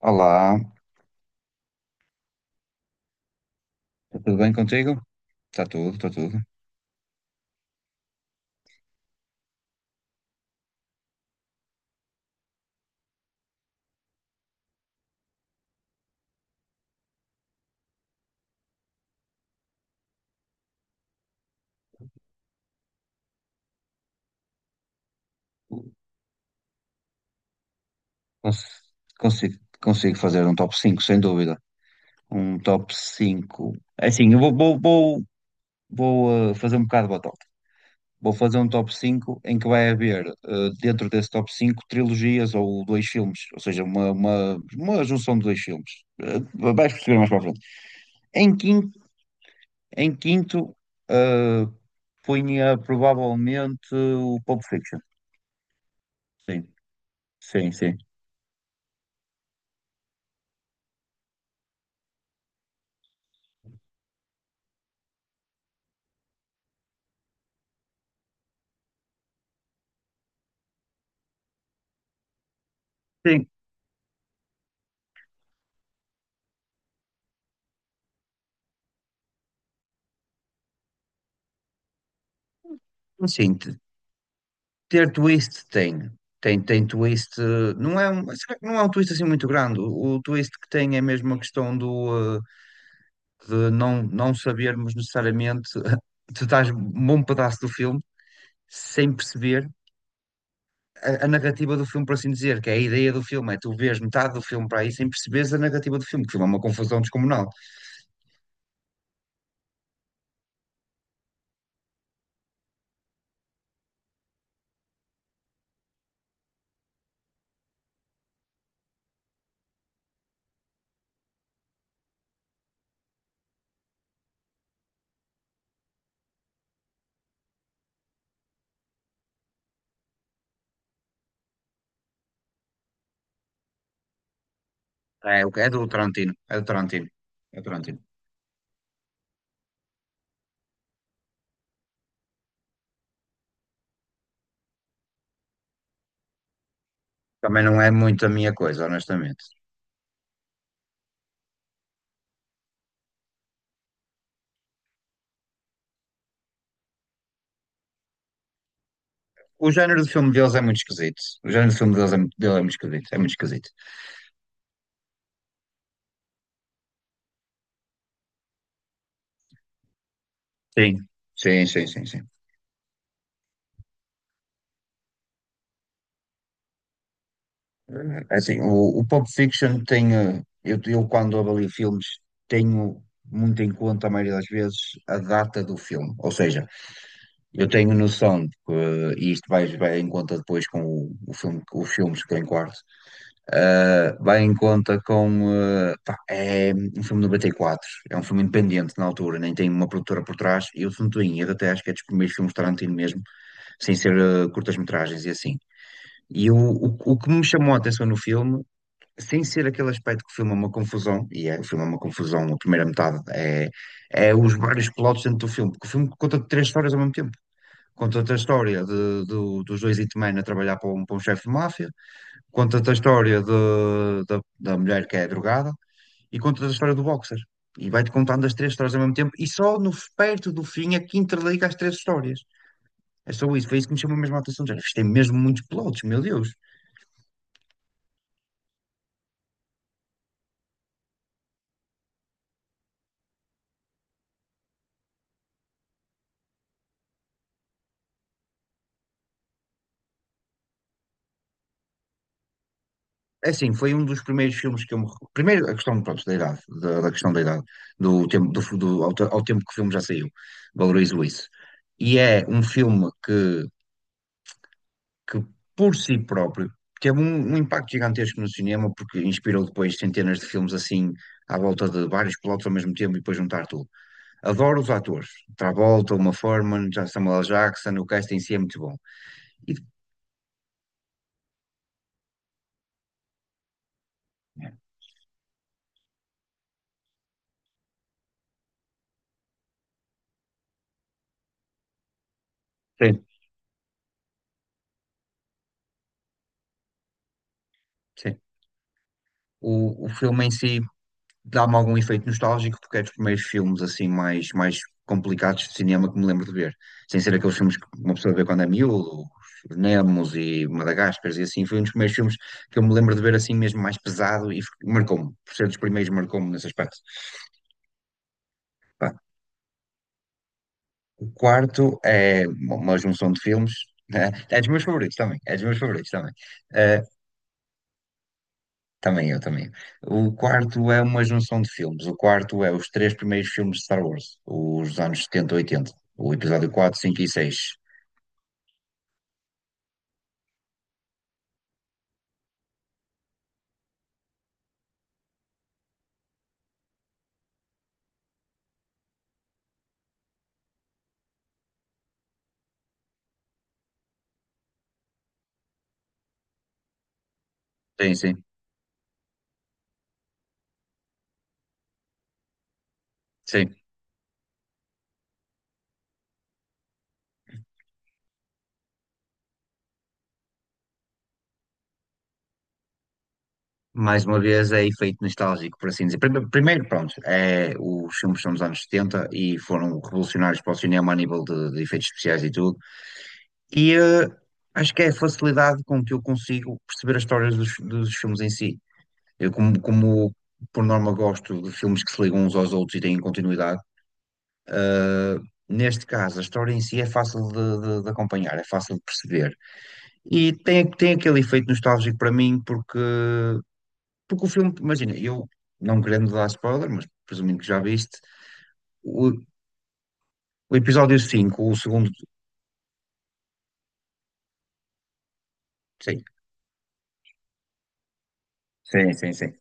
Olá, está tudo bem contigo? Está tudo, está tudo. Cons- Consigo, consigo fazer um top 5 sem dúvida. Um top 5. É assim, eu vou fazer um bocado de batota. Vou fazer um top 5 em que vai haver, dentro desse top 5 trilogias ou dois filmes. Ou seja, uma junção de dois filmes. Vais perceber mais para a frente. Em quinto, em quinto, eh, punha provavelmente o Pulp Fiction. Sim, sim, sim. Sim, sim. Ter twist tem. Tem, tem twist. Não é um, será que não é um twist assim muito grande. O twist que tem é mesmo a questão do de não sabermos necessariamente. Tu estás um bom pedaço do filme sem perceber a narrativa do filme, por assim dizer, que é a ideia do filme. É tu vês metade do filme para aí sem perceberes a narrativa do filme, que o filme é uma confusão descomunal. É do Tarantino. É do Tarantino. É do Tarantino. Também não é muito a minha coisa, honestamente. O género do filme deles é muito esquisito. O género do filme deles é, dele é muito esquisito. É muito esquisito. Sim. Sim, sim, sim, sim. É assim, o Pulp Fiction tem. Eu quando avalio filmes, tenho muito em conta, a maioria das vezes, a data do filme. Ou seja, eu tenho noção de que, e isto vai em conta depois com o filme, com os filmes que eu enquadro. Vai em conta com. Pá, é um filme de 94, é um filme independente na altura, nem tem uma produtora por trás. E eu, se não estou em erro, até acho que é dos primeiros filmes de Tarantino mesmo, sem ser curtas-metragens e assim. E o que me chamou a atenção no filme, sem ser aquele aspecto que o filme é uma confusão, e é, o filme é uma confusão, a primeira metade, é, é os vários plotos dentro do filme, porque o filme conta três histórias ao mesmo tempo. Conta-te a história dos dois hitmen a trabalhar para para um chefe de máfia, conta-te a história da mulher que é drogada, e conta-te a história do boxer. E vai-te contando as três histórias ao mesmo tempo, e só no, perto do fim é que interliga as três histórias. É só isso, foi isso que me chamou mesmo a atenção. Já género, tem mesmo muitos plots, meu Deus. É assim, foi um dos primeiros filmes que eu me recordo. Primeiro, a questão, pronto, da idade, da questão da idade, do tempo, ao tempo que o filme já saiu, valorizo isso. E é um filme que por si próprio, teve um impacto gigantesco no cinema, porque inspirou depois centenas de filmes assim, à volta de vários plots ao mesmo tempo e depois juntar tudo. Adoro os atores. Travolta, Uma Thurman, Samuel L. Jackson, o casting em si é muito bom. E, sim, sim. O filme em si dá-me algum efeito nostálgico porque é dos primeiros filmes assim mais complicados de cinema que me lembro de ver. Sem ser aqueles filmes que uma pessoa vê quando é miúdo, os Nemos e Madagascar e assim, foi um dos primeiros filmes que eu me lembro de ver assim mesmo mais pesado e marcou-me. Por ser dos primeiros, marcou-me nesse aspecto. Pá, o quarto é uma junção de filmes, né? É dos meus favoritos também, é dos meus favoritos também. Eh, Também eu, também. O quarto é uma junção de filmes. O quarto é os três primeiros filmes de Star Wars, os dos anos 70 e 80. O episódio 4 5 e seis. Sim, sim, sim. Mais uma vez é efeito nostálgico, por assim dizer. Primeiro, pronto, é, os filmes são dos anos 70 e foram revolucionários para o cinema a nível de efeitos especiais e tudo. E eh, acho que é a facilidade com que eu consigo perceber as histórias dos, dos filmes em si. Eu, como por norma, gosto de filmes que se ligam uns aos outros e têm continuidade. Neste caso, a história em si é fácil de, de acompanhar, é fácil de perceber. E tem, tem aquele efeito nostálgico para mim, porque, porque o filme, imagina, eu não querendo dar spoiler, mas presumindo que já viste, o, o episódio 5 o segundo. Sim, sim, sim, sim.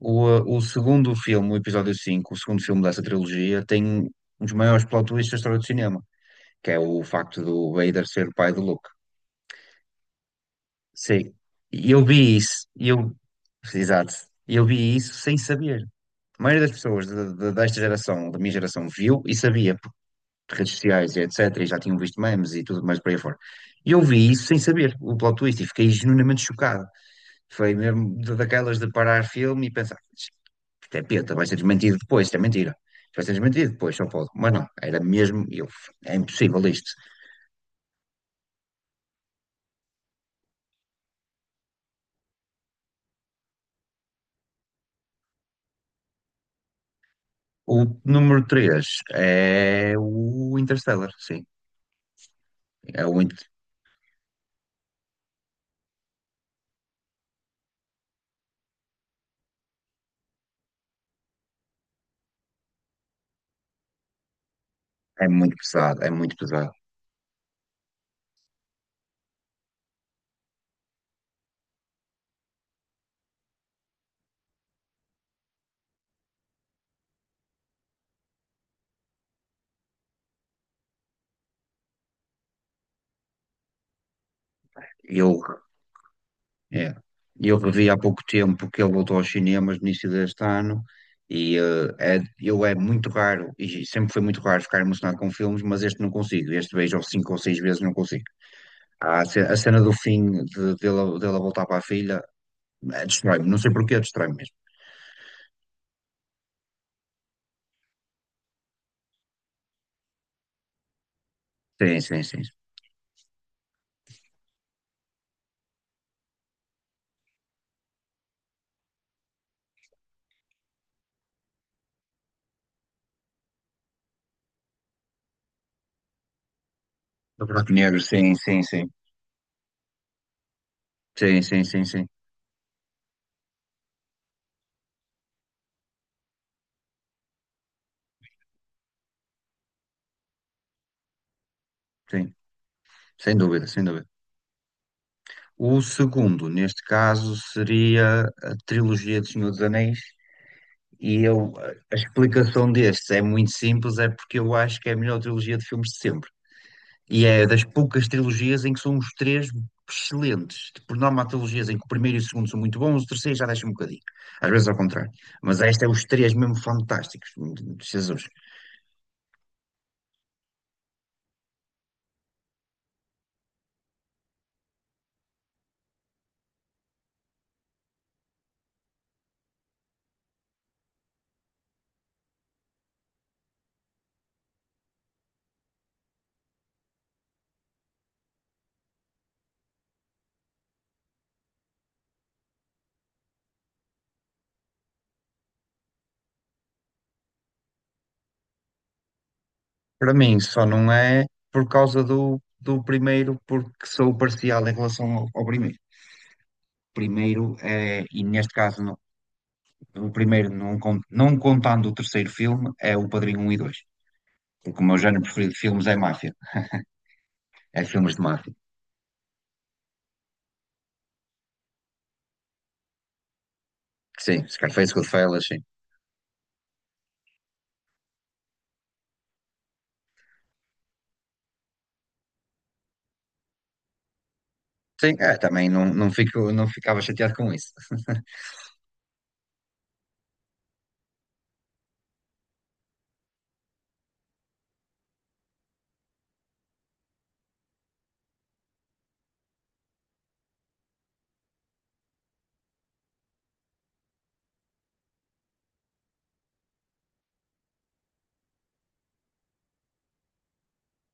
O segundo filme, o episódio 5 o segundo filme dessa trilogia, tem um dos maiores plot twists da história do cinema, que é o facto do Vader ser o pai do Luke. Sim. E eu vi isso, e eu. Exato. E eu vi isso sem saber. A maioria das pessoas desta geração, da minha geração, viu e sabia por redes sociais e etc. E já tinham visto memes e tudo mais por aí fora. E eu vi isso sem saber, o plot twist, e fiquei genuinamente chocado. Foi mesmo daquelas de parar filme e pensar, isto é peta, vai ser desmentido depois, isto é mentira. Isto vai ser desmentido depois, só pode. Mas não, era mesmo, eu, é impossível isto. O número 3 é o Interstellar, sim. É, é muito pesado, é muito pesado. Eu É. Eu revi há pouco tempo que ele voltou aos cinemas no início deste ano é, eu é muito raro, e sempre foi muito raro ficar emocionado com filmes, mas este não consigo. Este vejo cinco ou seis vezes, não consigo. A cena do fim dele, dele a voltar para a filha, destrói-me. Não sei porquê, destrói-me mesmo. Sim, sim, sim. Do buraco negro, sim, sim, sim. Sim, sim, sim, sim. Sim, sem dúvida, sem dúvida. O segundo, neste caso, seria a trilogia do Senhor dos Anéis. E eu, a explicação destes é muito simples, é porque eu acho que é a melhor trilogia de filmes de sempre. E é das poucas trilogias em que são os três excelentes. Por norma, há trilogias em que o primeiro e o segundo são muito bons, o terceiro já deixa um bocadinho. Às vezes ao contrário. Mas esta é os três mesmo fantásticos. Jesus. Para mim, só não é por causa do primeiro, porque sou parcial em relação ao primeiro. Primeiro é, e neste caso, o primeiro, não, não contando o terceiro filme, é o Padrinho um e dois. Porque o meu género preferido de filmes é máfia. É filmes de máfia. Sim, Scarface, Goodfellas, sim. Sim, é, também fico, não ficava chateado com isso.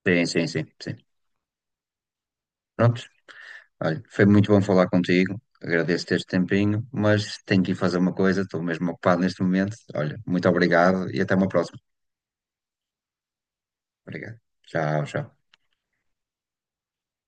Sim, sim, sim, sim. Pronto, olha, foi muito bom falar contigo. Agradeço este tempinho, mas tenho que ir fazer uma coisa, estou mesmo ocupado neste momento. Olha, muito obrigado e até uma próxima. Obrigado. Tchau, tchau.